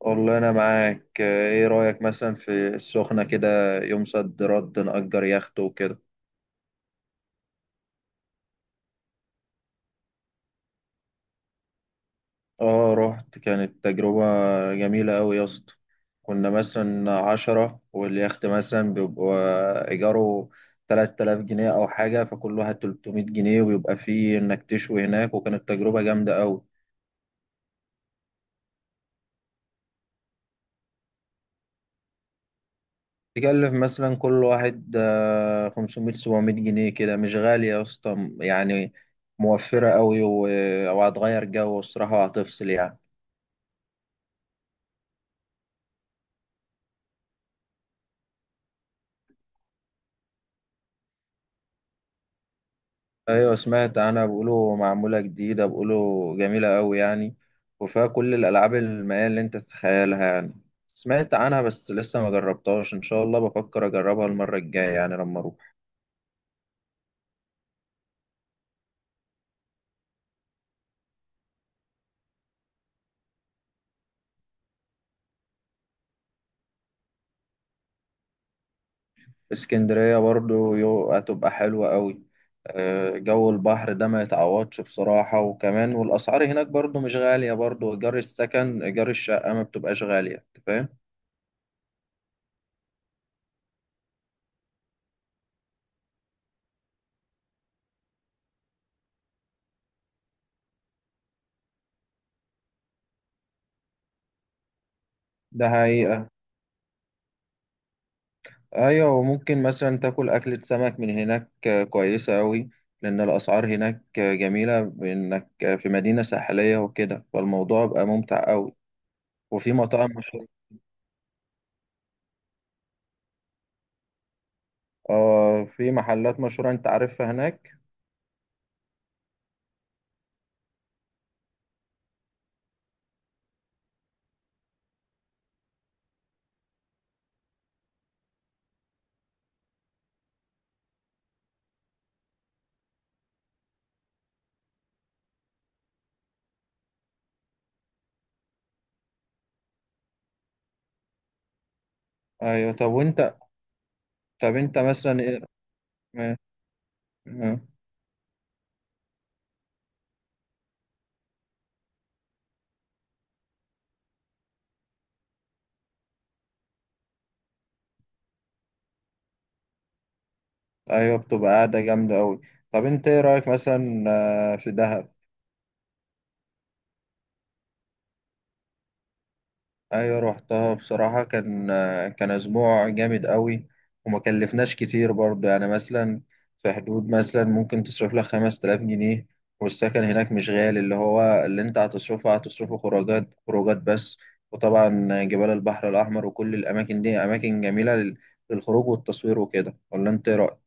والله أنا معاك. إيه رأيك مثلا في السخنة كده؟ يوم صد رد نأجر يخت وكده. آه، رحت. كانت تجربة جميلة أوي يا اسطى. كنا مثلا 10، واليخت مثلا بيبقى إيجاره 3000 جنيه أو حاجة، فكل واحد 300 جنيه. وبيبقى فيه إنك تشوي هناك. وكانت تجربة جامدة أوي. تكلف مثلا كل واحد 500 700 جنيه كده، مش غالية يا اسطى يعني. موفرة قوي وهتغير جو الصراحة وهتفصل يعني. ايوه، سمعت. انا بقوله معمولة جديدة، بقوله جميلة قوي يعني. وفيها كل الالعاب المائية اللي انت تتخيلها يعني. سمعت عنها بس لسه ما جربتهاش. ان شاء الله بفكر اجربها المرة الجاية يعني لما اروح. اسكندرية برضو هتبقى حلوة قوي. جو البحر ده ما يتعوضش بصراحة. وكمان والأسعار هناك برضو مش غالية، برضو إيجار السكن إيجار الشقة ما بتبقاش غالية، أنت فاهم. ده حقيقة. أيوة، وممكن مثلا تاكل أكلة سمك من هناك كويسة قوي. لأن الأسعار هناك جميلة، بإنك في مدينة ساحلية وكده، فالموضوع بقى ممتع قوي. وفي مطاعم مشهورة. آه، في محلات مشهورة أنت عارفها هناك. أيوة. طب أنت مثلا إيه؟ مم. ايوه، بتبقى قاعده جامده قوي. طب انت ايه رايك مثلا في دهب؟ ايوه، روحتها بصراحه كان اسبوع جامد قوي. وما كلفناش كتير برضه يعني. مثلا في حدود مثلا ممكن تصرف لك 5000 جنيه. والسكن هناك مش غالي. اللي هو اللي انت هتصرفه هتصرفه خروجات خروجات بس. وطبعا جبال البحر الاحمر وكل الاماكن دي اماكن جميله للخروج والتصوير وكده. ولا انت ايه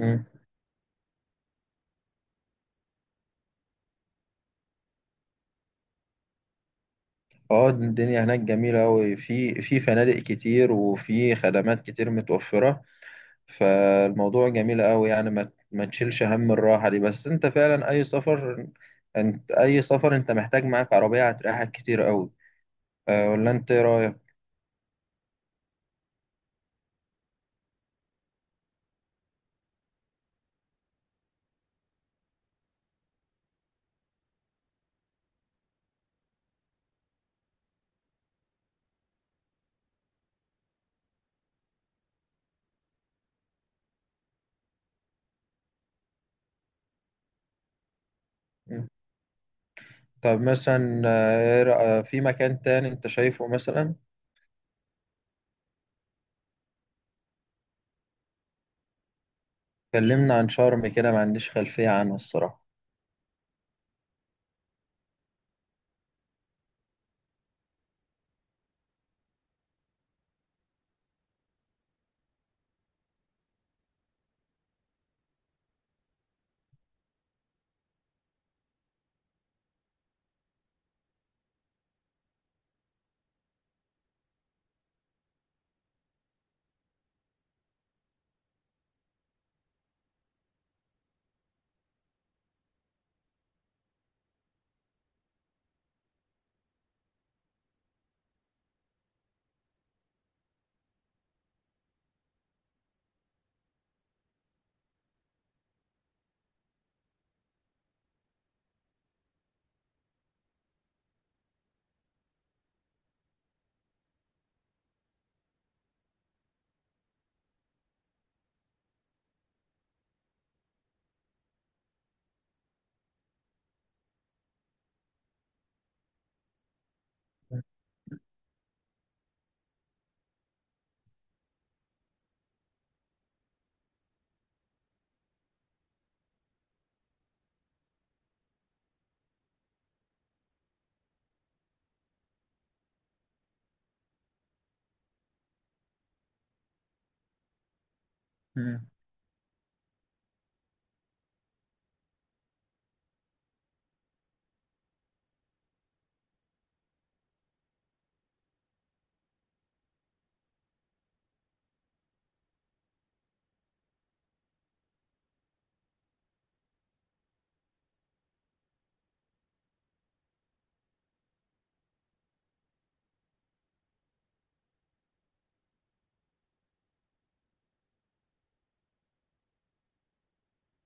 رايك؟ اه، الدنيا هناك جميلة أوي. في فنادق كتير وفي خدمات كتير متوفرة. فالموضوع جميل أوي يعني، ما تشيلش هم الراحة دي. بس أنت فعلا أي سفر، أنت أي سفر أنت محتاج معاك عربية، هتريحك كتير أوي. أه، ولا أنت إيه رأيك؟ مم. طب مثلا إيه في مكان تاني أنت شايفه مثلا؟ كلمنا عن شرم كده، ما عنديش خلفية عنها الصراحة. مم.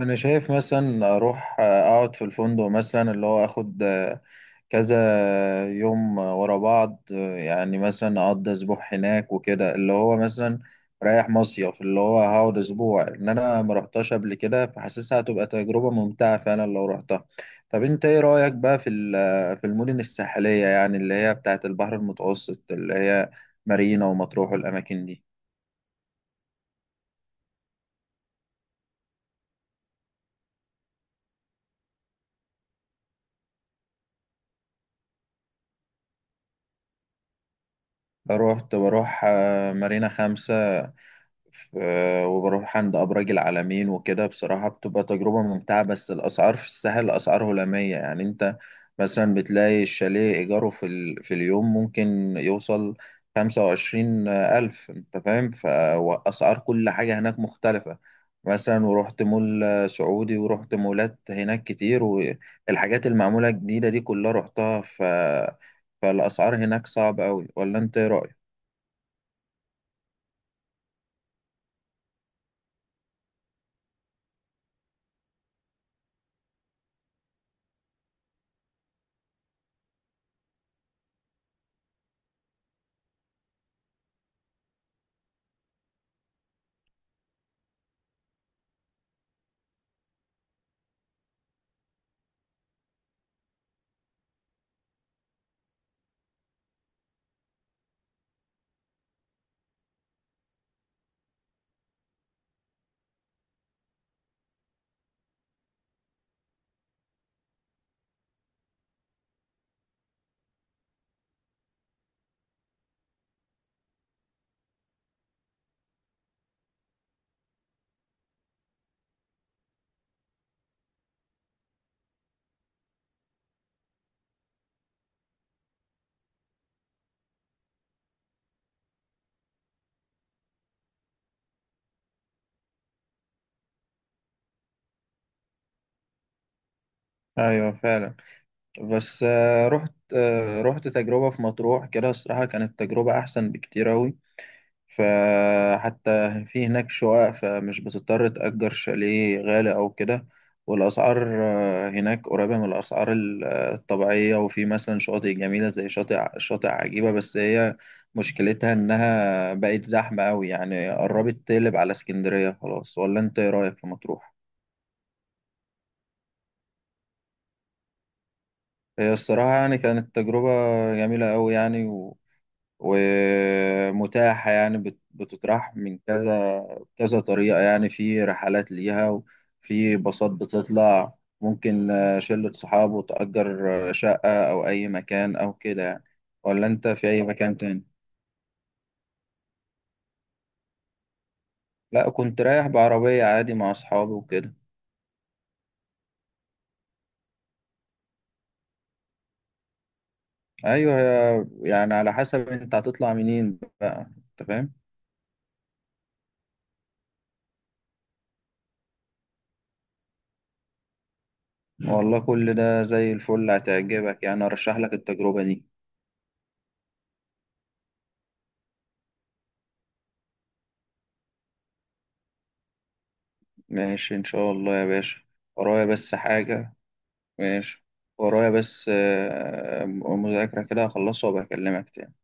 أنا شايف مثلا أروح أقعد في الفندق مثلا اللي هو آخد كذا يوم ورا بعض يعني. مثلا اقضي اسبوع هناك وكده، اللي هو مثلا رايح مصيف، اللي هو هقعد اسبوع، ان انا ما رحتش قبل كده، فحاسسها هتبقى تجربة ممتعة فعلا لو رحتها. طب انت ايه رأيك بقى في المدن الساحلية يعني، اللي هي بتاعه البحر المتوسط، اللي هي مارينا ومطروح والاماكن دي. روحت، بروح مارينا خمسة. ف- وبروح عند أبراج العالمين وكده بصراحة بتبقى تجربة ممتعة. بس الأسعار في الساحل أسعار هلامية، يعني أنت مثلا بتلاقي الشاليه إيجاره في اليوم ممكن يوصل 25000، أنت فاهم. فأسعار كل حاجة هناك مختلفة. مثلا ورحت مول سعودي، ورحت مولات هناك كتير، والحاجات المعمولة جديدة دي كلها رحتها فالأسعار هناك صعبة أوي. ولا أنت إيه رأيك؟ أيوه، فعلا. بس رحت تجربة في مطروح كده الصراحة، كانت تجربة أحسن بكتير أوي. فحتى في هناك شقق، فمش بتضطر تأجر شاليه غالي أو كده. والأسعار هناك قريبة من الأسعار الطبيعية. وفي مثلا شواطئ جميلة زي شاطئ عجيبة. بس هي مشكلتها إنها بقت زحمة أوي يعني، قربت تقلب على اسكندرية خلاص. ولا أنت إيه رأيك في مطروح؟ هي الصراحة يعني، كانت تجربة جميلة أوي يعني. ومتاحة يعني، بتتراح من كذا كذا طريقة يعني، في رحلات ليها وفي باصات بتطلع. ممكن شلة صحاب وتأجر شقة أو أي مكان أو كده يعني. ولا أنت في أي مكان تاني؟ لا، كنت رايح بعربية عادي مع أصحابي وكده. أيوه، يعني على حسب أنت هتطلع منين بقى، أنت فاهم؟ والله، كل ده زي الفل هتعجبك يعني، أرشح لك التجربة دي. ماشي إن شاء الله يا باشا. ورايا بس حاجة. ماشي. ورايا بس مذاكرة كده، هخلصها وبكلمك تاني.